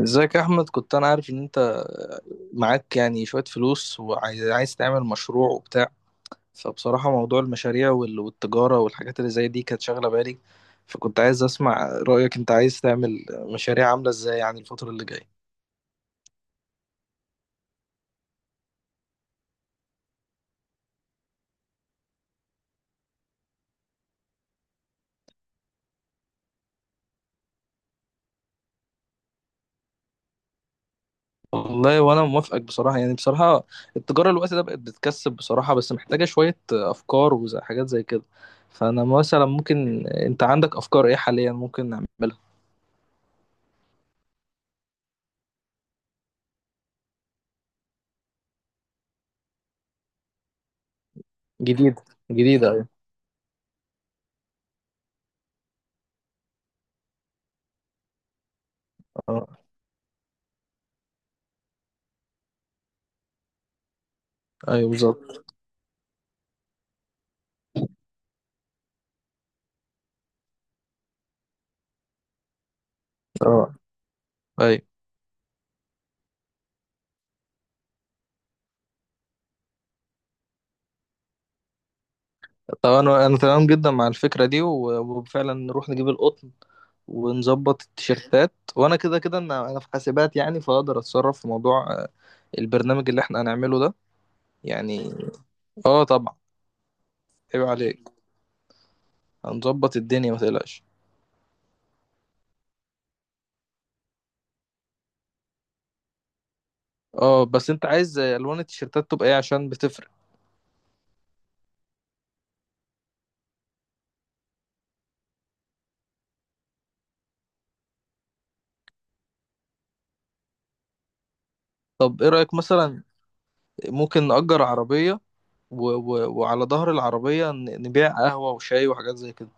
ازيك يا احمد؟ كنت انا عارف ان انت معاك يعني شوية فلوس وعايز عايز تعمل مشروع وبتاع. فبصراحة موضوع المشاريع والتجارة والحاجات اللي زي دي كانت شاغلة بالي. فكنت عايز اسمع رأيك، انت عايز تعمل مشاريع عاملة ازاي يعني الفترة اللي جاية؟ والله وانا موافقك، بصراحة يعني بصراحة التجارة الوقت ده بقت بتكسب بصراحة، بس محتاجة شوية افكار وحاجات زي كده. فانا مثلا ممكن، انت عندك افكار ايه حاليا ممكن نعملها؟ جديدة. جديدة ايوه. اه ايوه بالظبط. اه ايوه طبعا. انا تمام جدا مع الفكره دي وفعلا نروح نجيب القطن ونظبط التيشيرتات، وانا كده كده انا في حاسبات يعني، فاقدر اتصرف في موضوع البرنامج اللي احنا هنعمله ده يعني. اه طبعا. عيب عليك، هنظبط الدنيا ما تقلقش. اه بس انت عايز الوان التيشيرتات تبقى ايه عشان بتفرق. طب ايه رايك مثلا ممكن نأجر عربيه و... و... وعلى ظهر العربيه نبيع قهوه وشاي وحاجات زي كده.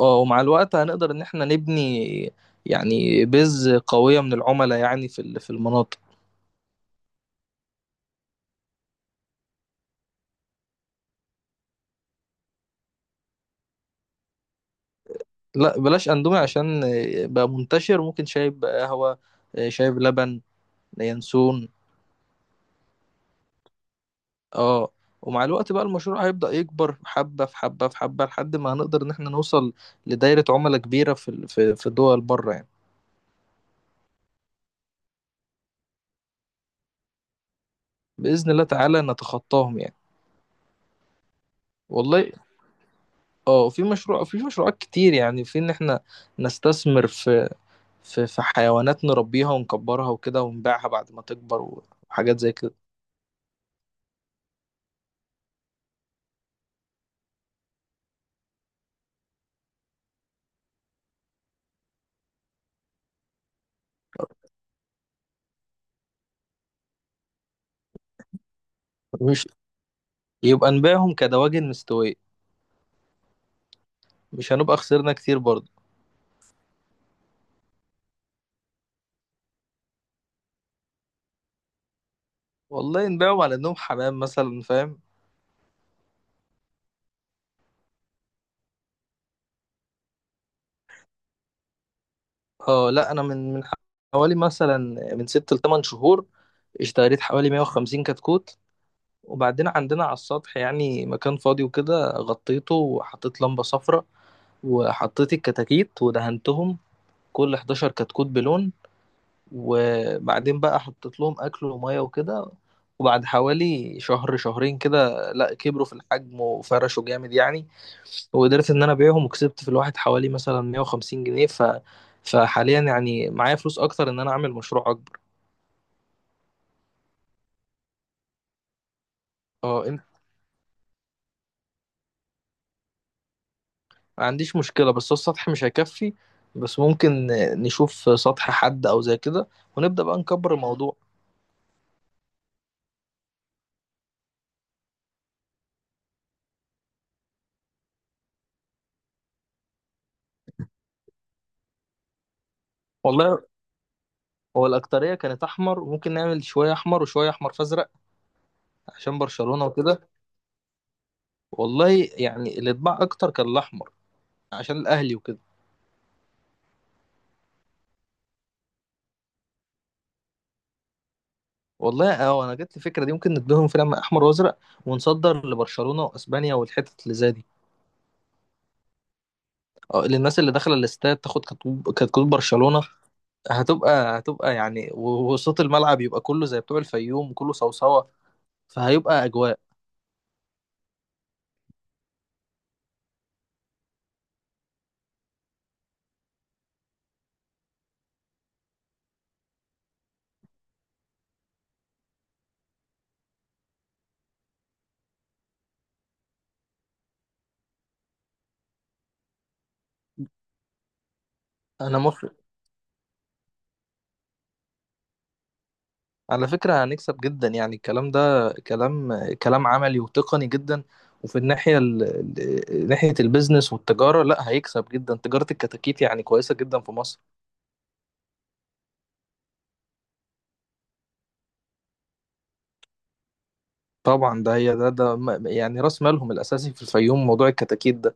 اه ومع الوقت هنقدر ان احنا نبني يعني بيز قوية من العملاء يعني في المناطق. لا بلاش اندومي عشان بقى منتشر، ممكن شايب بقى قهوة، شايب لبن، ينسون. اه ومع الوقت بقى المشروع هيبدأ يكبر حبة في حبة في حبة لحد ما هنقدر ان احنا نوصل لدايرة عملاء كبيرة في دول بره يعني. بإذن الله تعالى نتخطاهم يعني. والله، اه في مشروعات كتير يعني، في ان احنا نستثمر في حيوانات نربيها ونكبرها وكده ونبيعها بعد ما تكبر وحاجات زي كده. مش يبقى نبيعهم كدواجن مستوية، مش هنبقى خسرنا كتير برضه. والله نبيعهم على انهم حمام مثلا، فاهم؟ اه لا انا من حوالي مثلا من 6 ل 8 شهور اشتريت حوالي 150 كتكوت، وبعدين عندنا على السطح يعني مكان فاضي وكده غطيته وحطيت لمبة صفراء وحطيت الكتاكيت ودهنتهم كل 11 كتكوت بلون. وبعدين بقى حطيت لهم اكل وميه وكده، وبعد حوالي شهر شهرين كده لا كبروا في الحجم وفرشوا جامد يعني، وقدرت ان انا ابيعهم وكسبت في الواحد حوالي مثلا 150 جنيه. فحاليا يعني معايا فلوس اكتر ان انا اعمل مشروع اكبر. اه ما عنديش مشكلة بس هو السطح مش هيكفي، بس ممكن نشوف سطح حد او زي كده ونبدأ بقى نكبر الموضوع. والله هو الأكترية كانت أحمر، ممكن نعمل شوية أحمر وشوية أحمر فأزرق عشان برشلونة وكده. والله يعني اللي اتباع اكتر كان الاحمر عشان الاهلي وكده. والله اه انا جت لي فكره دي، ممكن نديهم فيلم احمر وازرق ونصدر لبرشلونه واسبانيا والحتت اللي زي دي. اه للناس اللي داخله الاستاد تاخد كتكوت، كتكوت برشلونه. هتبقى يعني وصوت الملعب يبقى كله زي بتوع الفيوم وكله صوصوه، فهيبقى اجواء. انا مخ. على فكرة هنكسب جدا يعني، الكلام ده كلام، كلام عملي وتقني جدا. وفي الناحية ناحية البيزنس والتجارة لا هيكسب جدا، تجارة الكتاكيت يعني كويسة جدا في مصر. طبعا ده هي يعني راس مالهم الأساسي في الفيوم موضوع الكتاكيت ده.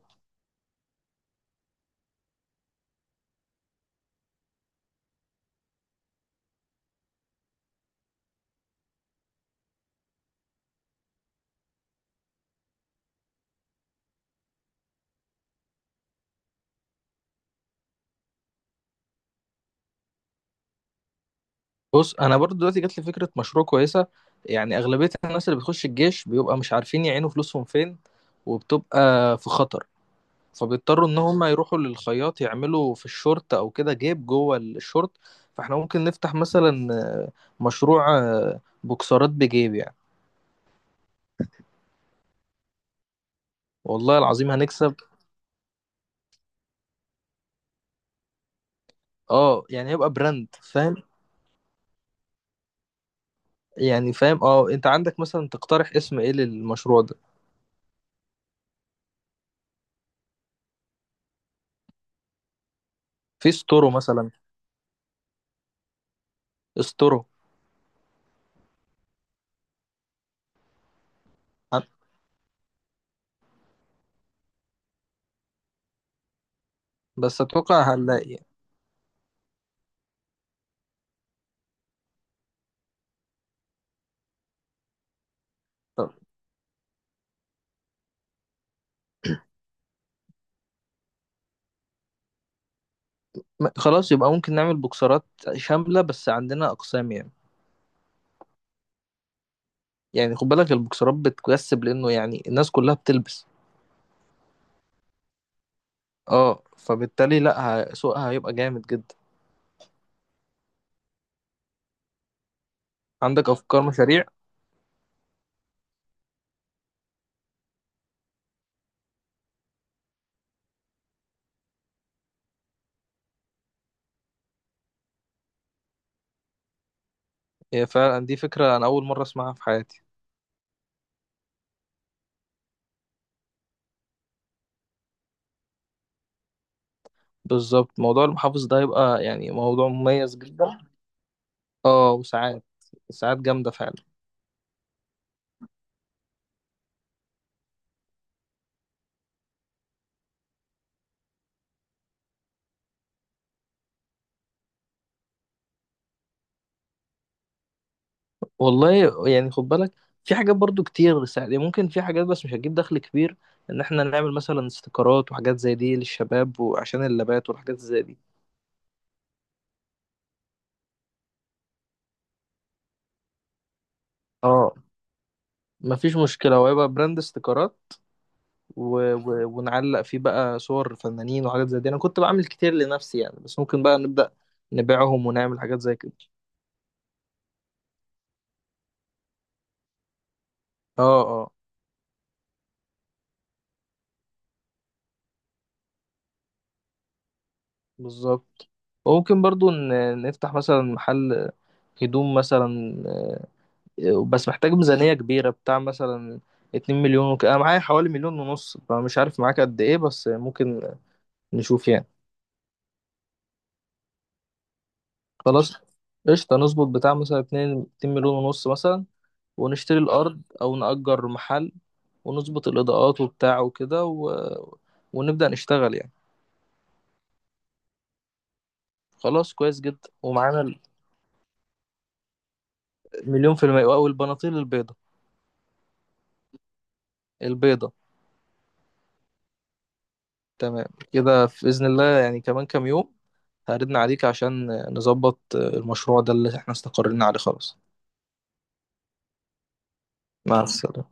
بص أنا برضو دلوقتي جات لي فكرة مشروع كويسة. يعني أغلبية الناس اللي بتخش الجيش بيبقى مش عارفين يعينوا فلوسهم فين وبتبقى في خطر، فبيضطروا ان هم يروحوا للخياط يعملوا في الشورت او كده جيب جوه الشورت. فاحنا ممكن نفتح مثلا مشروع بوكسرات بجيب يعني. والله العظيم هنكسب. اه يعني هيبقى براند، فاهم؟ يعني فاهم، اه انت عندك مثلا تقترح اسم ايه للمشروع ده؟ في ستورو مثلا. ستورو. عن- بس اتوقع هنلاقي. طب، خلاص يبقى ممكن نعمل بوكسرات شاملة بس عندنا اقسام يعني. يعني خد بالك البوكسرات بتكسب لانه يعني الناس كلها بتلبس. اه فبالتالي لا، سوقها هيبقى جامد جدا. عندك افكار مشاريع؟ هي فعلا دي فكره انا اول مره اسمعها في حياتي. بالظبط موضوع المحافظ ده هيبقى يعني موضوع مميز جدا. اه وساعات، ساعات جامده فعلا. والله يعني خد بالك، في حاجات برضو كتير ساعات يعني، ممكن في حاجات بس مش هتجيب دخل كبير، ان احنا نعمل مثلا استيكرات وحاجات زي دي للشباب وعشان اللابات والحاجات زي دي. اه مفيش مشكله، وهيبقى براند استيكرات و... و... ونعلق فيه بقى صور فنانين وحاجات زي دي، انا كنت بعمل كتير لنفسي يعني بس ممكن بقى نبدأ نبيعهم ونعمل حاجات زي كده. اه اه. بالظبط، وممكن برضو نفتح مثلا محل هدوم مثلا، بس محتاج ميزانية كبيرة بتاع مثلا 2 مليون انا معايا حوالي 1.5 مليون فمش عارف معاك قد ايه، بس ممكن نشوف يعني. خلاص، قشطة نظبط بتاع مثلا اتنين مليون ونص مثلا، ونشتري الأرض أو نأجر محل ونظبط الإضاءات وبتاع وكده ونبدأ نشتغل يعني. خلاص كويس جدا ومعانا مليون في المية أو البناطيل البيضة. البيضة. تمام. كده في بإذن الله يعني كمان كام يوم هردنا عليك عشان نظبط المشروع ده اللي احنا استقرينا عليه خلاص. مع السلامة.